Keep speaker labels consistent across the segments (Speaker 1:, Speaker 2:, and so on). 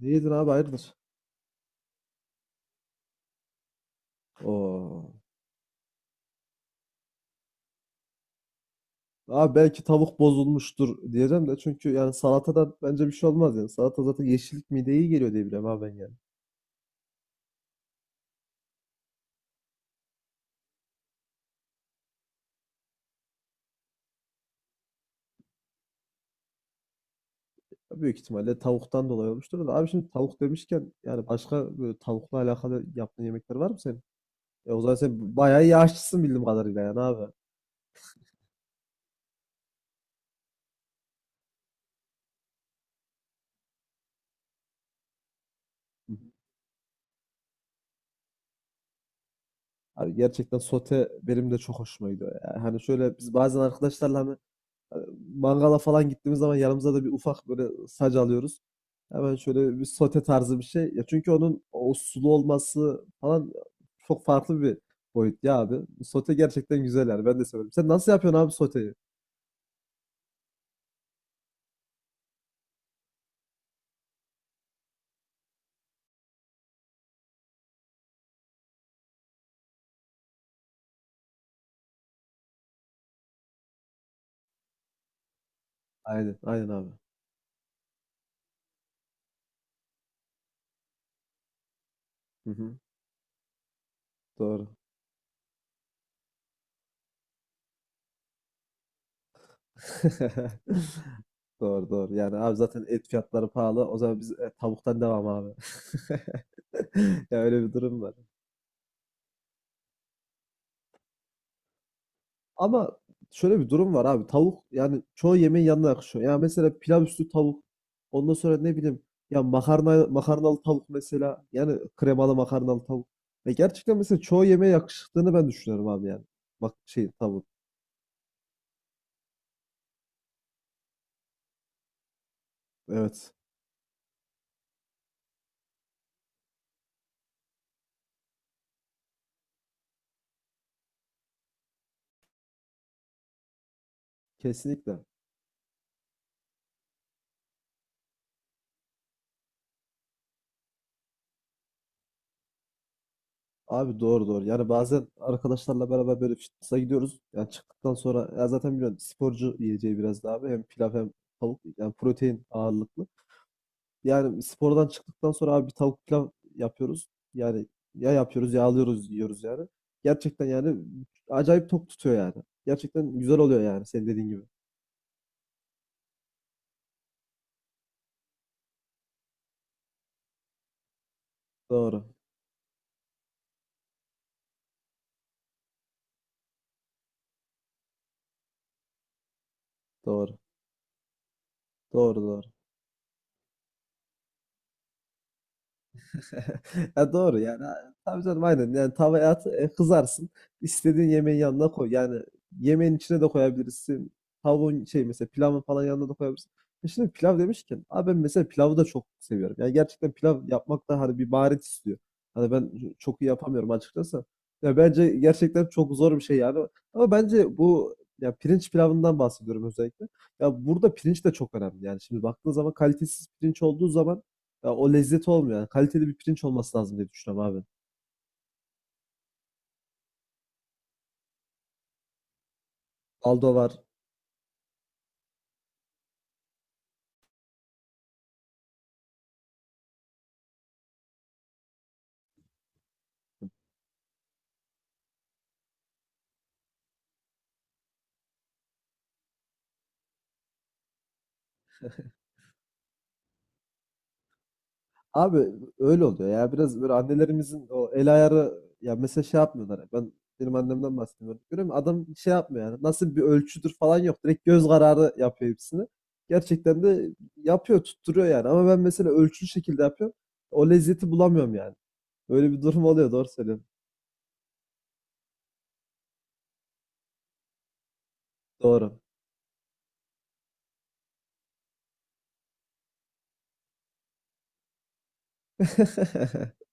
Speaker 1: Değildin abi, hayırdır? Oo. Abi belki tavuk bozulmuştur diyeceğim de, çünkü yani salatadan bence bir şey olmaz yani. Salata zaten yeşillik, mideye iyi geliyor diye biliyorum abi ben yani. Büyük ihtimalle tavuktan dolayı olmuştur da abi, şimdi tavuk demişken yani başka böyle tavukla alakalı yaptığın yemekler var mı senin? E o zaman sen bayağı iyi aşçısın bildiğim kadarıyla yani abi. Hı hı. Abi gerçekten sote benim de çok hoşuma gidiyor. Yani hani şöyle, biz bazen arkadaşlarla hani mangala falan gittiğimiz zaman yanımıza da bir ufak böyle sac alıyoruz. Hemen şöyle bir sote tarzı bir şey. Ya çünkü onun o sulu olması falan çok farklı bir boyut ya abi. Sote gerçekten güzel yani. Ben de severim. Sen nasıl yapıyorsun abi soteyi? Aynen, aynen abi. Hı hı. Doğru. Doğru doğru. Yani abi zaten et fiyatları pahalı. O zaman biz tavuktan devam abi. Ya öyle bir durum var. Ama şöyle bir durum var abi. Tavuk yani çoğu yemeğin yanına yakışıyor. Ya mesela pilav üstü tavuk. Ondan sonra ne bileyim, ya makarna, makarnalı tavuk mesela. Yani kremalı makarnalı tavuk. Ve gerçekten mesela çoğu yemeğe yakıştığını ben düşünüyorum abi yani. Bak şey, tavuk. Evet. Kesinlikle. Abi doğru doğru. Yani bazen arkadaşlarla beraber böyle fitness'a gidiyoruz. Yani çıktıktan sonra ya zaten biliyorsun, sporcu yiyeceği biraz daha abi. Hem pilav hem tavuk. Yani protein ağırlıklı. Yani spordan çıktıktan sonra abi bir tavuk pilav yapıyoruz. Yani ya yapıyoruz ya alıyoruz yiyoruz yani. Gerçekten yani acayip tok tutuyor yani. Gerçekten güzel oluyor yani, senin dediğin gibi. Doğru. Doğru. Doğru doğru. Ya doğru yani. Tabii canım aynen. Yani tavaya at, kızarsın. İstediğin yemeğin yanına koy. Yani yemeğin içine de koyabilirsin. Tavuğun şey, mesela pilavın falan yanına da koyabilirsin. E şimdi pilav demişken abi, ben mesela pilavı da çok seviyorum. Yani gerçekten pilav yapmak da hani bir maharet istiyor. Hani ben çok iyi yapamıyorum açıkçası. Ya bence gerçekten çok zor bir şey yani. Ama bence bu, ya pirinç pilavından bahsediyorum özellikle. Ya burada pirinç de çok önemli. Yani şimdi baktığın zaman kalitesiz pirinç olduğu zaman ya o lezzet olmuyor. Yani kaliteli bir pirinç olması lazım diye düşünüyorum abi. Aldo var. Abi öyle oluyor ya. Biraz böyle annelerimizin o el ayarı, ya mesela şey yapmıyorlar. Ben benim annemden bahsediyorum. Görüyor musun? Adam şey yapmıyor yani. Nasıl bir ölçüdür falan yok. Direkt göz kararı yapıyor hepsini. Gerçekten de yapıyor, tutturuyor yani. Ama ben mesela ölçülü şekilde yapıyorum. O lezzeti bulamıyorum yani. Öyle bir durum oluyor. Doğru söylüyorsun. Doğru.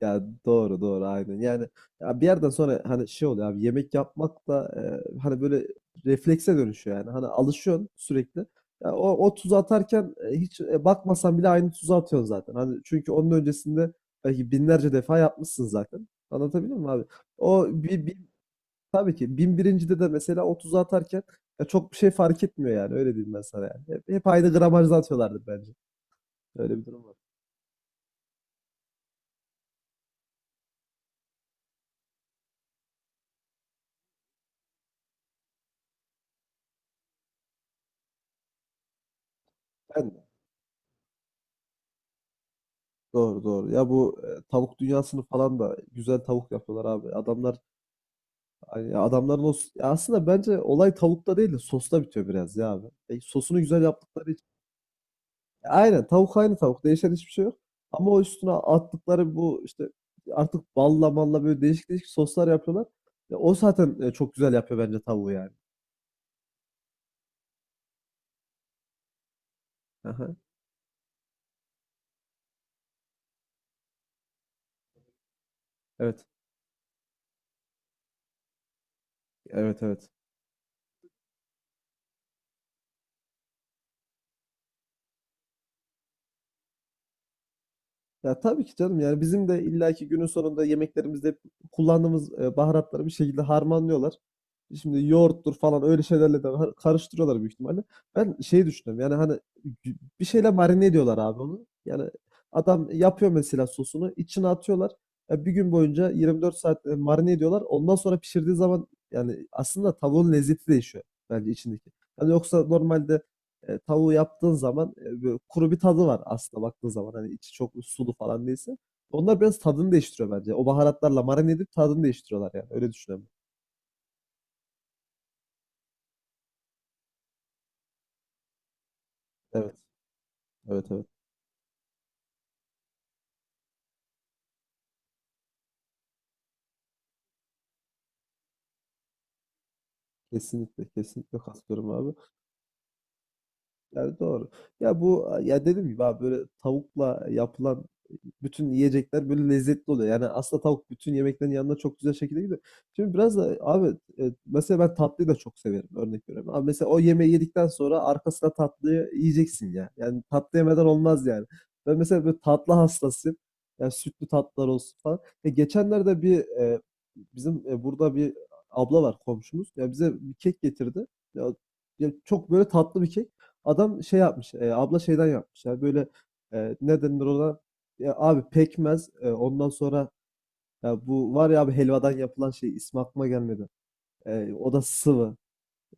Speaker 1: Ya doğru doğru aynen. Yani ya bir yerden sonra hani şey oluyor abi, yemek yapmak da, hani böyle reflekse dönüşüyor yani. Hani alışıyorsun sürekli. Ya o tuzu atarken, hiç bakmasan bile aynı tuzu atıyorsun zaten. Hani çünkü onun öncesinde belki binlerce defa yapmışsın zaten. Anlatabildim mi abi? O bir, bir- tabii ki bin birincide de mesela o tuzu atarken ya çok bir şey fark etmiyor yani. Öyle diyeyim ben sana yani. Hep aynı gramajda atıyorlardı bence. Öyle bir durum var. Ben de. Doğru doğru. Ya bu tavuk dünyasını falan da güzel tavuk yapıyorlar abi. Adamlar, hani adamların ya aslında bence olay tavukta değil de sosta bitiyor biraz ya abi. E, sosunu güzel yaptıkları için. E, aynen, tavuk aynı tavuk. Değişen hiçbir şey yok. Ama o üstüne attıkları bu işte artık balla malla böyle değişik değişik soslar yapıyorlar. Ya o zaten çok güzel yapıyor bence tavuğu yani. Aha. Evet. Evet evet. Ya tabii ki canım, yani bizim de illaki günün sonunda yemeklerimizde hep kullandığımız baharatları bir şekilde harmanlıyorlar. Şimdi yoğurttur falan öyle şeylerle de karıştırıyorlar büyük ihtimalle. Ben şey düşünüyorum yani, hani bir şeyle marine ediyorlar abi onu. Yani adam yapıyor, mesela sosunu içine atıyorlar. Ya bir gün boyunca 24 saat marine ediyorlar. Ondan sonra pişirdiği zaman yani aslında tavuğun lezzeti değişiyor bence içindeki. Yani yoksa normalde tavuğu yaptığın zaman böyle kuru bir tadı var aslında baktığın zaman. Hani içi çok sulu falan değilse. Onlar biraz tadını değiştiriyor bence. O baharatlarla marine edip tadını değiştiriyorlar yani. Öyle düşünüyorum. Evet. Evet evet. Kesinlikle. Kesinlikle katılıyorum abi. Yani doğru. Ya bu, ya dedim gibi abi, böyle tavukla yapılan bütün yiyecekler böyle lezzetli oluyor. Yani aslında tavuk bütün yemeklerin yanına çok güzel şekilde gidiyor. Şimdi biraz da abi, mesela ben tatlıyı da çok severim, örnek veriyorum. Abi mesela o yemeği yedikten sonra arkasına tatlıyı yiyeceksin ya. Yani tatlı yemeden olmaz yani. Ben mesela böyle tatlı hastasıyım. Yani sütlü tatlılar olsun falan. Ya geçenlerde bir bizim burada bir abla var, komşumuz. Ya bize bir kek getirdi. Ya, ya çok böyle tatlı bir kek. Adam şey yapmış, abla şeyden yapmış yani, böyle, ne denir ona? Ya abi pekmez, ondan sonra ya bu var ya abi, helvadan yapılan şey, ismi aklıma gelmedi. E, o da sıvı.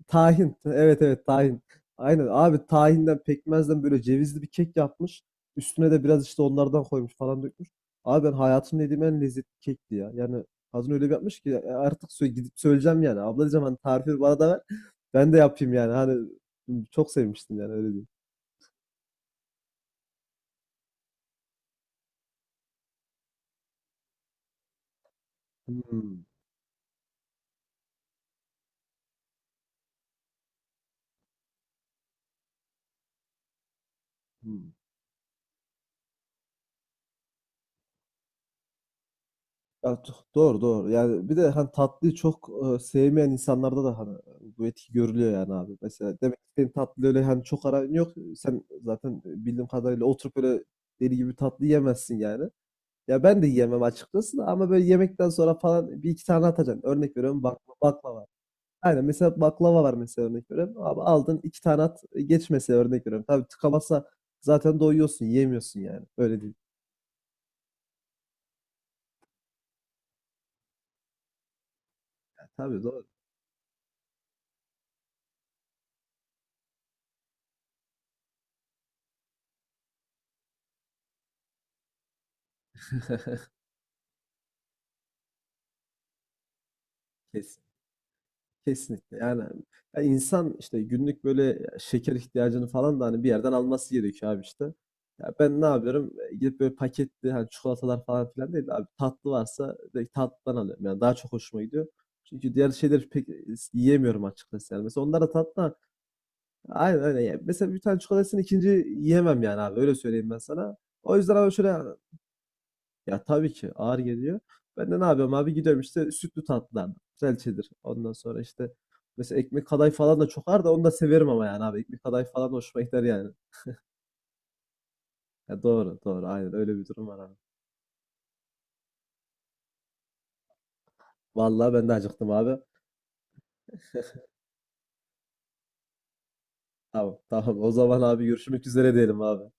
Speaker 1: Tahin. Evet evet, tahin. Aynen abi, tahinden pekmezden böyle cevizli bir kek yapmış. Üstüne de biraz işte onlardan koymuş, falan dökmüş. Abi ben hayatımda yediğim en lezzetli kekti ya. Yani kadın öyle bir yapmış ki ya, artık gidip söyleyeceğim yani. Abla diyeceğim, hani tarifi bana da ver. Ben de yapayım yani. Hani çok sevmiştim yani, öyle diyeyim. Hmm, hmm. Ya doğru doğru. Yani bir de hani tatlıyı çok sevmeyen insanlarda da hani bu etki görülüyor yani abi. Mesela demek ki senin tatlı, öyle hani çok aran yok. Sen zaten bildiğim kadarıyla oturup öyle deli gibi tatlı yemezsin yani. Ya ben de yiyemem açıkçası da, ama böyle yemekten sonra falan bir iki tane atacaksın. Örnek veriyorum bakla, baklava. Aynen, mesela baklava var mesela, örnek veriyorum. Abi aldın iki tane at geç mesela, örnek veriyorum. Tabii tıkamazsa zaten doyuyorsun, yiyemiyorsun yani. Öyle değil. Yani tabii doğru. Kesin. Kesinlikle yani, ya insan işte günlük böyle şeker ihtiyacını falan da hani bir yerden alması gerekiyor abi işte. Ya ben ne yapıyorum? E, gidip böyle paketli hani çikolatalar falan filan değil de, abi tatlı varsa direkt tatlıdan alıyorum. Yani daha çok hoşuma gidiyor. Çünkü diğer şeyleri pek yiyemiyorum açıkçası yani. Mesela onlar da tatlı ama aynen öyle. Yani mesela bir tane çikolatasını ikinci yiyemem yani abi, öyle söyleyeyim ben sana. O yüzden abi şöyle, ya tabii ki ağır geliyor. Ben de ne yapıyorum abi? Gidiyorum işte sütlü tatlılardan. Güzelçedir. Ondan sonra işte mesela ekmek kadayıf falan da çok ağır, da onu da severim ama yani abi. Ekmek kadayıf falan da hoşuma gider yani. Ya doğru doğru aynen, öyle bir durum var abi. Vallahi ben de acıktım abi. Tamam tamam, o zaman abi görüşmek üzere diyelim abi.